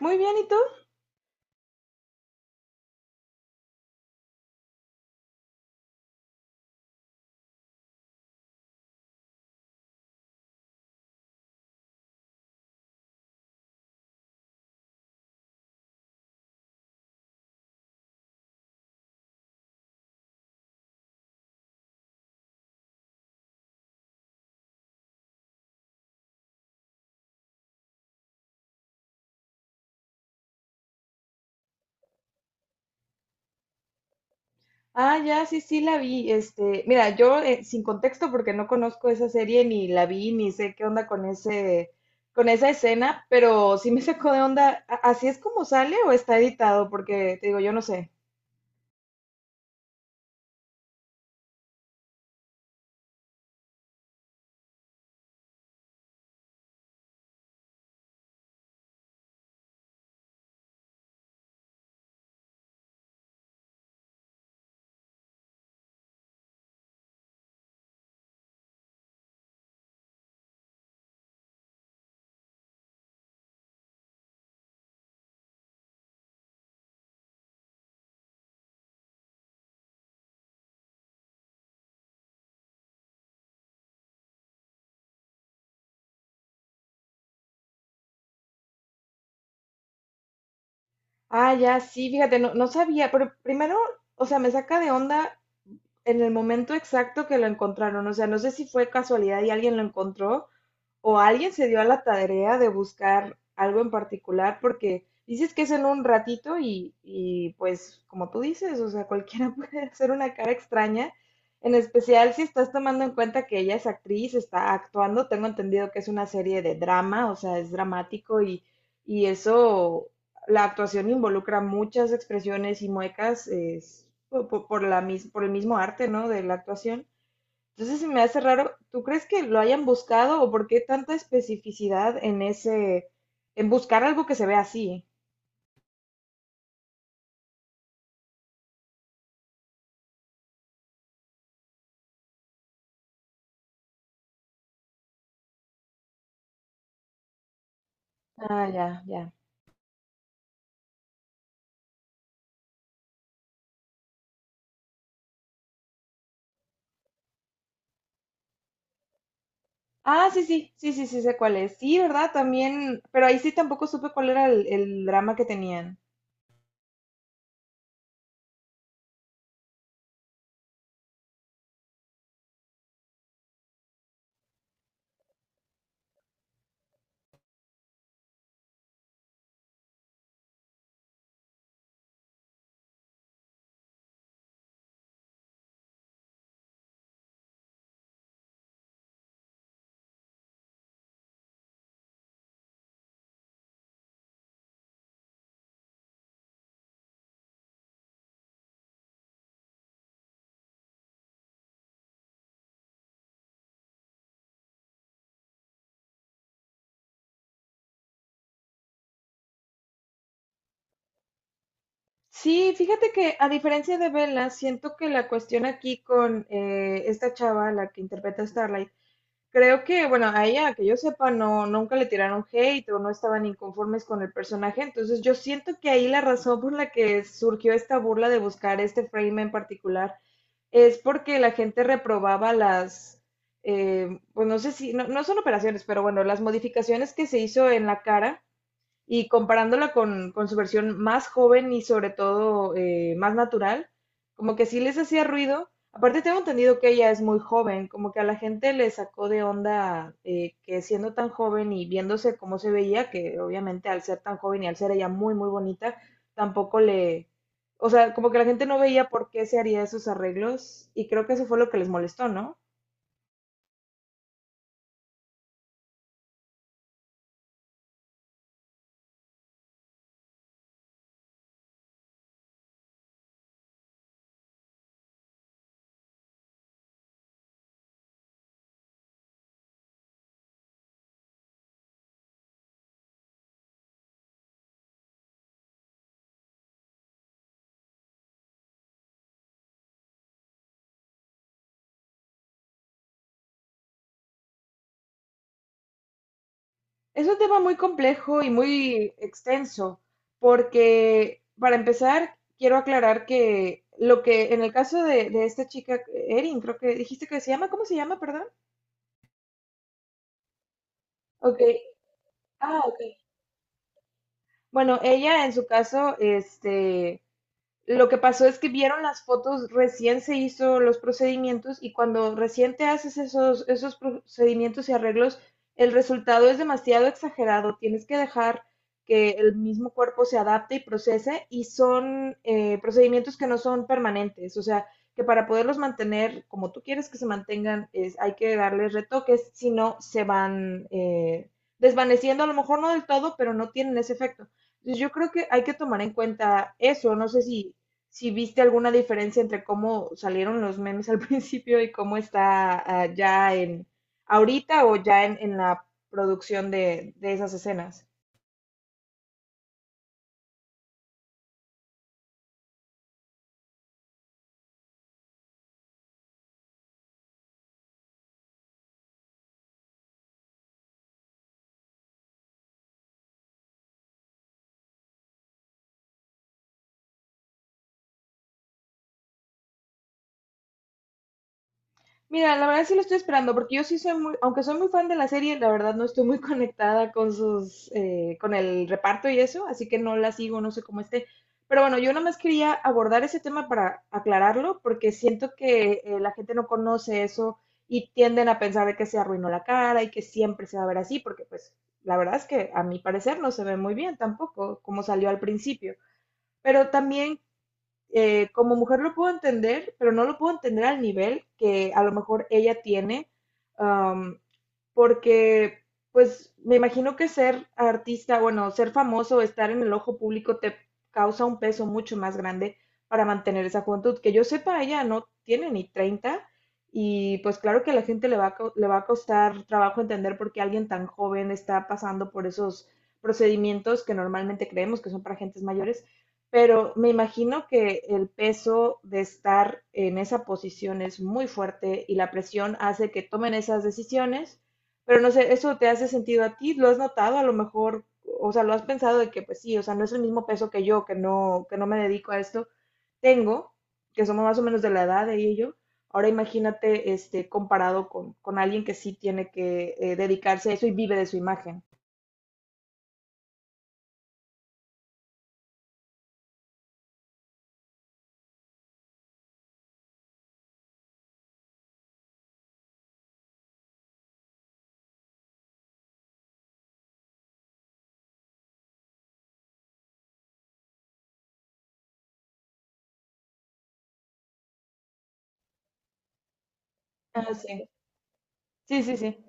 Muy bien, ¿y tú? Ah, ya, sí, sí la vi. Mira, yo sin contexto porque no conozco esa serie ni la vi ni sé qué onda con ese con esa escena, pero sí me sacó de onda. ¿Así es como sale o está editado? Porque te digo, yo no sé. Ah, ya, sí, fíjate, no, no sabía, pero primero, o sea, me saca de onda en el momento exacto que lo encontraron. O sea, no sé si fue casualidad y alguien lo encontró o alguien se dio a la tarea de buscar algo en particular, porque dices que es en un ratito y pues como tú dices, o sea, cualquiera puede hacer una cara extraña, en especial si estás tomando en cuenta que ella es actriz, está actuando, tengo entendido que es una serie de drama, o sea, es dramático y eso, la actuación involucra muchas expresiones y muecas es, por, la, por el mismo arte, ¿no? De la actuación. Entonces se me hace raro. ¿Tú crees que lo hayan buscado o por qué tanta especificidad en ese, en buscar algo que se vea así? Ah, ya, ya. Ah, sí, sí, sí, sí, sí, sé cuál es. Sí, ¿verdad? También, pero ahí sí tampoco supe cuál era el drama que tenían. Sí, fíjate que a diferencia de Bella, siento que la cuestión aquí con esta chava, la que interpreta a Starlight, creo que, bueno, a ella, que yo sepa, no, nunca le tiraron hate o no estaban inconformes con el personaje. Entonces, yo siento que ahí la razón por la que surgió esta burla de buscar este frame en particular es porque la gente reprobaba las, pues no sé si, no, no son operaciones, pero bueno, las modificaciones que se hizo en la cara y comparándola con su versión más joven y sobre todo más natural, como que sí les hacía ruido. Aparte tengo entendido que ella es muy joven, como que a la gente le sacó de onda que siendo tan joven y viéndose cómo se veía, que obviamente al ser tan joven y al ser ella muy, muy bonita, tampoco le, o sea, como que la gente no veía por qué se haría esos arreglos y creo que eso fue lo que les molestó, ¿no? Es un tema muy complejo y muy extenso, porque para empezar, quiero aclarar que lo que en el caso de esta chica, Erin, creo que dijiste que se llama. ¿Cómo se llama, perdón? Ok, ah, ok. Bueno, ella en su caso, lo que pasó es que vieron las fotos, recién se hizo los procedimientos y cuando recién te haces esos, esos procedimientos y arreglos, el resultado es demasiado exagerado. Tienes que dejar que el mismo cuerpo se adapte y procese y son procedimientos que no son permanentes. O sea, que para poderlos mantener como tú quieres que se mantengan, es, hay que darles retoques, si no se van desvaneciendo, a lo mejor no del todo, pero no tienen ese efecto. Entonces yo creo que hay que tomar en cuenta eso. No sé si viste alguna diferencia entre cómo salieron los memes al principio y cómo está ah, ya en ahorita o ya en la producción de esas escenas. Mira, la verdad sí lo estoy esperando, porque yo sí soy muy, aunque soy muy fan de la serie, la verdad no estoy muy conectada con sus, con el reparto y eso, así que no la sigo, no sé cómo esté. Pero bueno, yo nada más quería abordar ese tema para aclararlo, porque siento que la gente no conoce eso y tienden a pensar de que se arruinó la cara y que siempre se va a ver así, porque pues la verdad es que a mi parecer no se ve muy bien tampoco, como salió al principio. Pero también como mujer lo puedo entender, pero no lo puedo entender al nivel que a lo mejor ella tiene, am, porque pues me imagino que ser artista, bueno, ser famoso, estar en el ojo público te causa un peso mucho más grande para mantener esa juventud. Que yo sepa, ella no tiene ni 30, y pues claro que a la gente le va a, le va a costar trabajo entender por qué alguien tan joven está pasando por esos procedimientos que normalmente creemos que son para gentes mayores. Pero me imagino que el peso de estar en esa posición es muy fuerte y la presión hace que tomen esas decisiones, pero no sé, ¿eso te hace sentido a ti? ¿Lo has notado a lo mejor? O sea, ¿lo has pensado de que pues sí, o sea, no es el mismo peso que yo, que no me dedico a esto, tengo, que somos más o menos de la edad de ella y yo. Ahora imagínate, comparado con alguien que sí tiene que dedicarse a eso y vive de su imagen. Ah, sí, sí, sí, sí,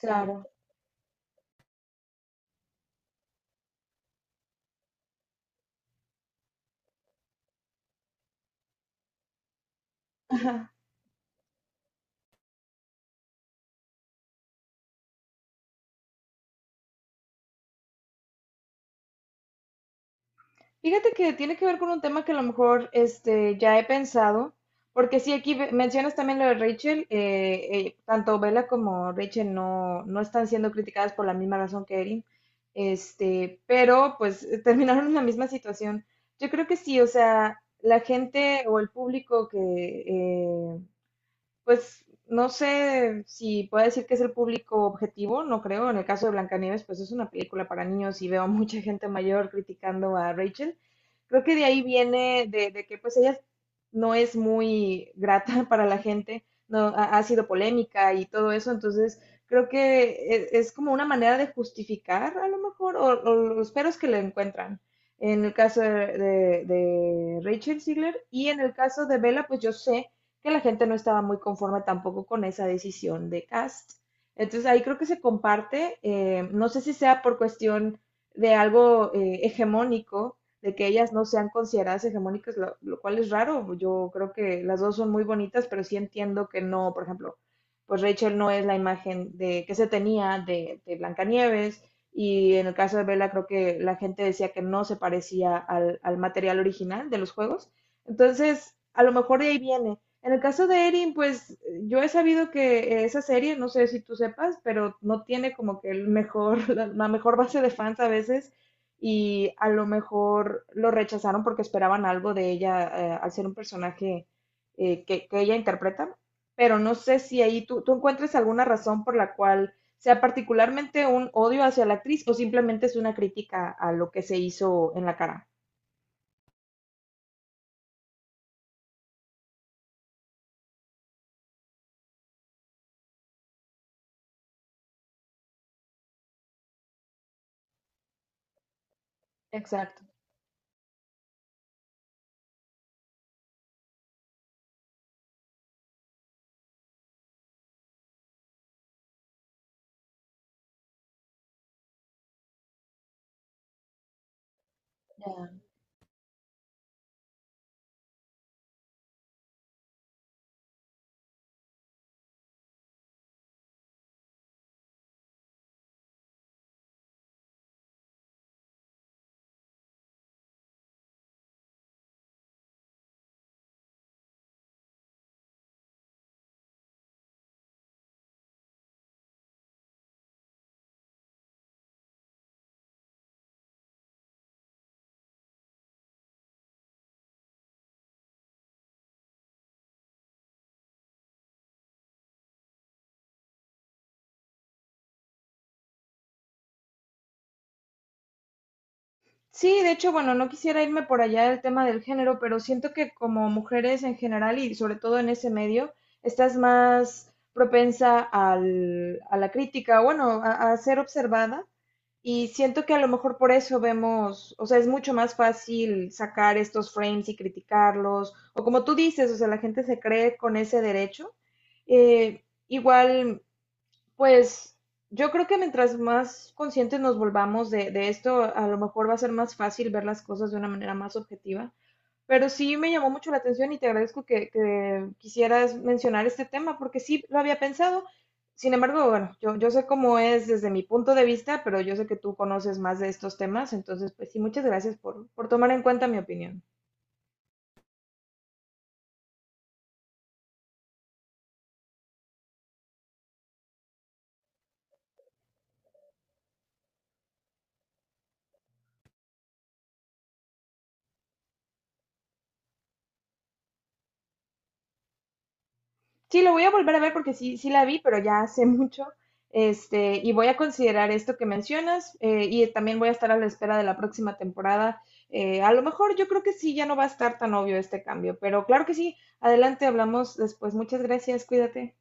claro. Fíjate que tiene que ver con un tema que a lo mejor ya he pensado, porque sí, aquí mencionas también lo de Rachel, tanto Bella como Rachel no, no están siendo criticadas por la misma razón que Erin, pero pues terminaron en la misma situación. Yo creo que sí, o sea, la gente o el público que, eh, pues no sé si puedo decir que es el público objetivo, no creo. En el caso de Blancanieves, pues es una película para niños y veo a mucha gente mayor criticando a Rachel. Creo que de ahí viene de que pues ella no es muy grata para la gente, no ha, ha sido polémica y todo eso, entonces creo que es, como una manera de justificar a lo mejor o los peros que le encuentran. En el caso de, de Rachel Ziegler y en el caso de Bella, pues yo sé que la gente no estaba muy conforme tampoco con esa decisión de Cast. Entonces ahí creo que se comparte, no sé si sea por cuestión de algo hegemónico, de que ellas no sean consideradas hegemónicas, lo, cual es raro. Yo creo que las dos son muy bonitas, pero sí entiendo que no, por ejemplo, pues Rachel no es la imagen de que se tenía de Blancanieves y en el caso de Bella creo que la gente decía que no se parecía al, al material original de los juegos. Entonces, a lo mejor de ahí viene, en el caso de Erin, pues yo he sabido que esa serie, no sé si tú sepas, pero no tiene como que el mejor, la mejor base de fans a veces y a lo mejor lo rechazaron porque esperaban algo de ella al ser un personaje ella interpreta, pero no sé si ahí tú, tú encuentres alguna razón por la cual sea particularmente un odio hacia la actriz o simplemente es una crítica a lo que se hizo en la cara. Exacto. Sí, de hecho, bueno, no quisiera irme por allá del tema del género, pero siento que como mujeres en general y sobre todo en ese medio, estás más propensa a la crítica, bueno, a ser observada y siento que a lo mejor por eso vemos, o sea, es mucho más fácil sacar estos frames y criticarlos, o como tú dices, o sea, la gente se cree con ese derecho. Igual pues yo creo que mientras más conscientes nos volvamos de esto, a lo mejor va a ser más fácil ver las cosas de una manera más objetiva. Pero sí me llamó mucho la atención y te agradezco que quisieras mencionar este tema, porque sí lo había pensado. Sin embargo, bueno, yo sé cómo es desde mi punto de vista, pero yo sé que tú conoces más de estos temas, entonces, pues sí, muchas gracias por tomar en cuenta mi opinión. Sí, lo voy a volver a ver porque sí, sí la vi, pero ya hace mucho. Y voy a considerar esto que mencionas y también voy a estar a la espera de la próxima temporada. A lo mejor yo creo que sí, ya no va a estar tan obvio este cambio, pero claro que sí. Adelante, hablamos después. Muchas gracias, cuídate.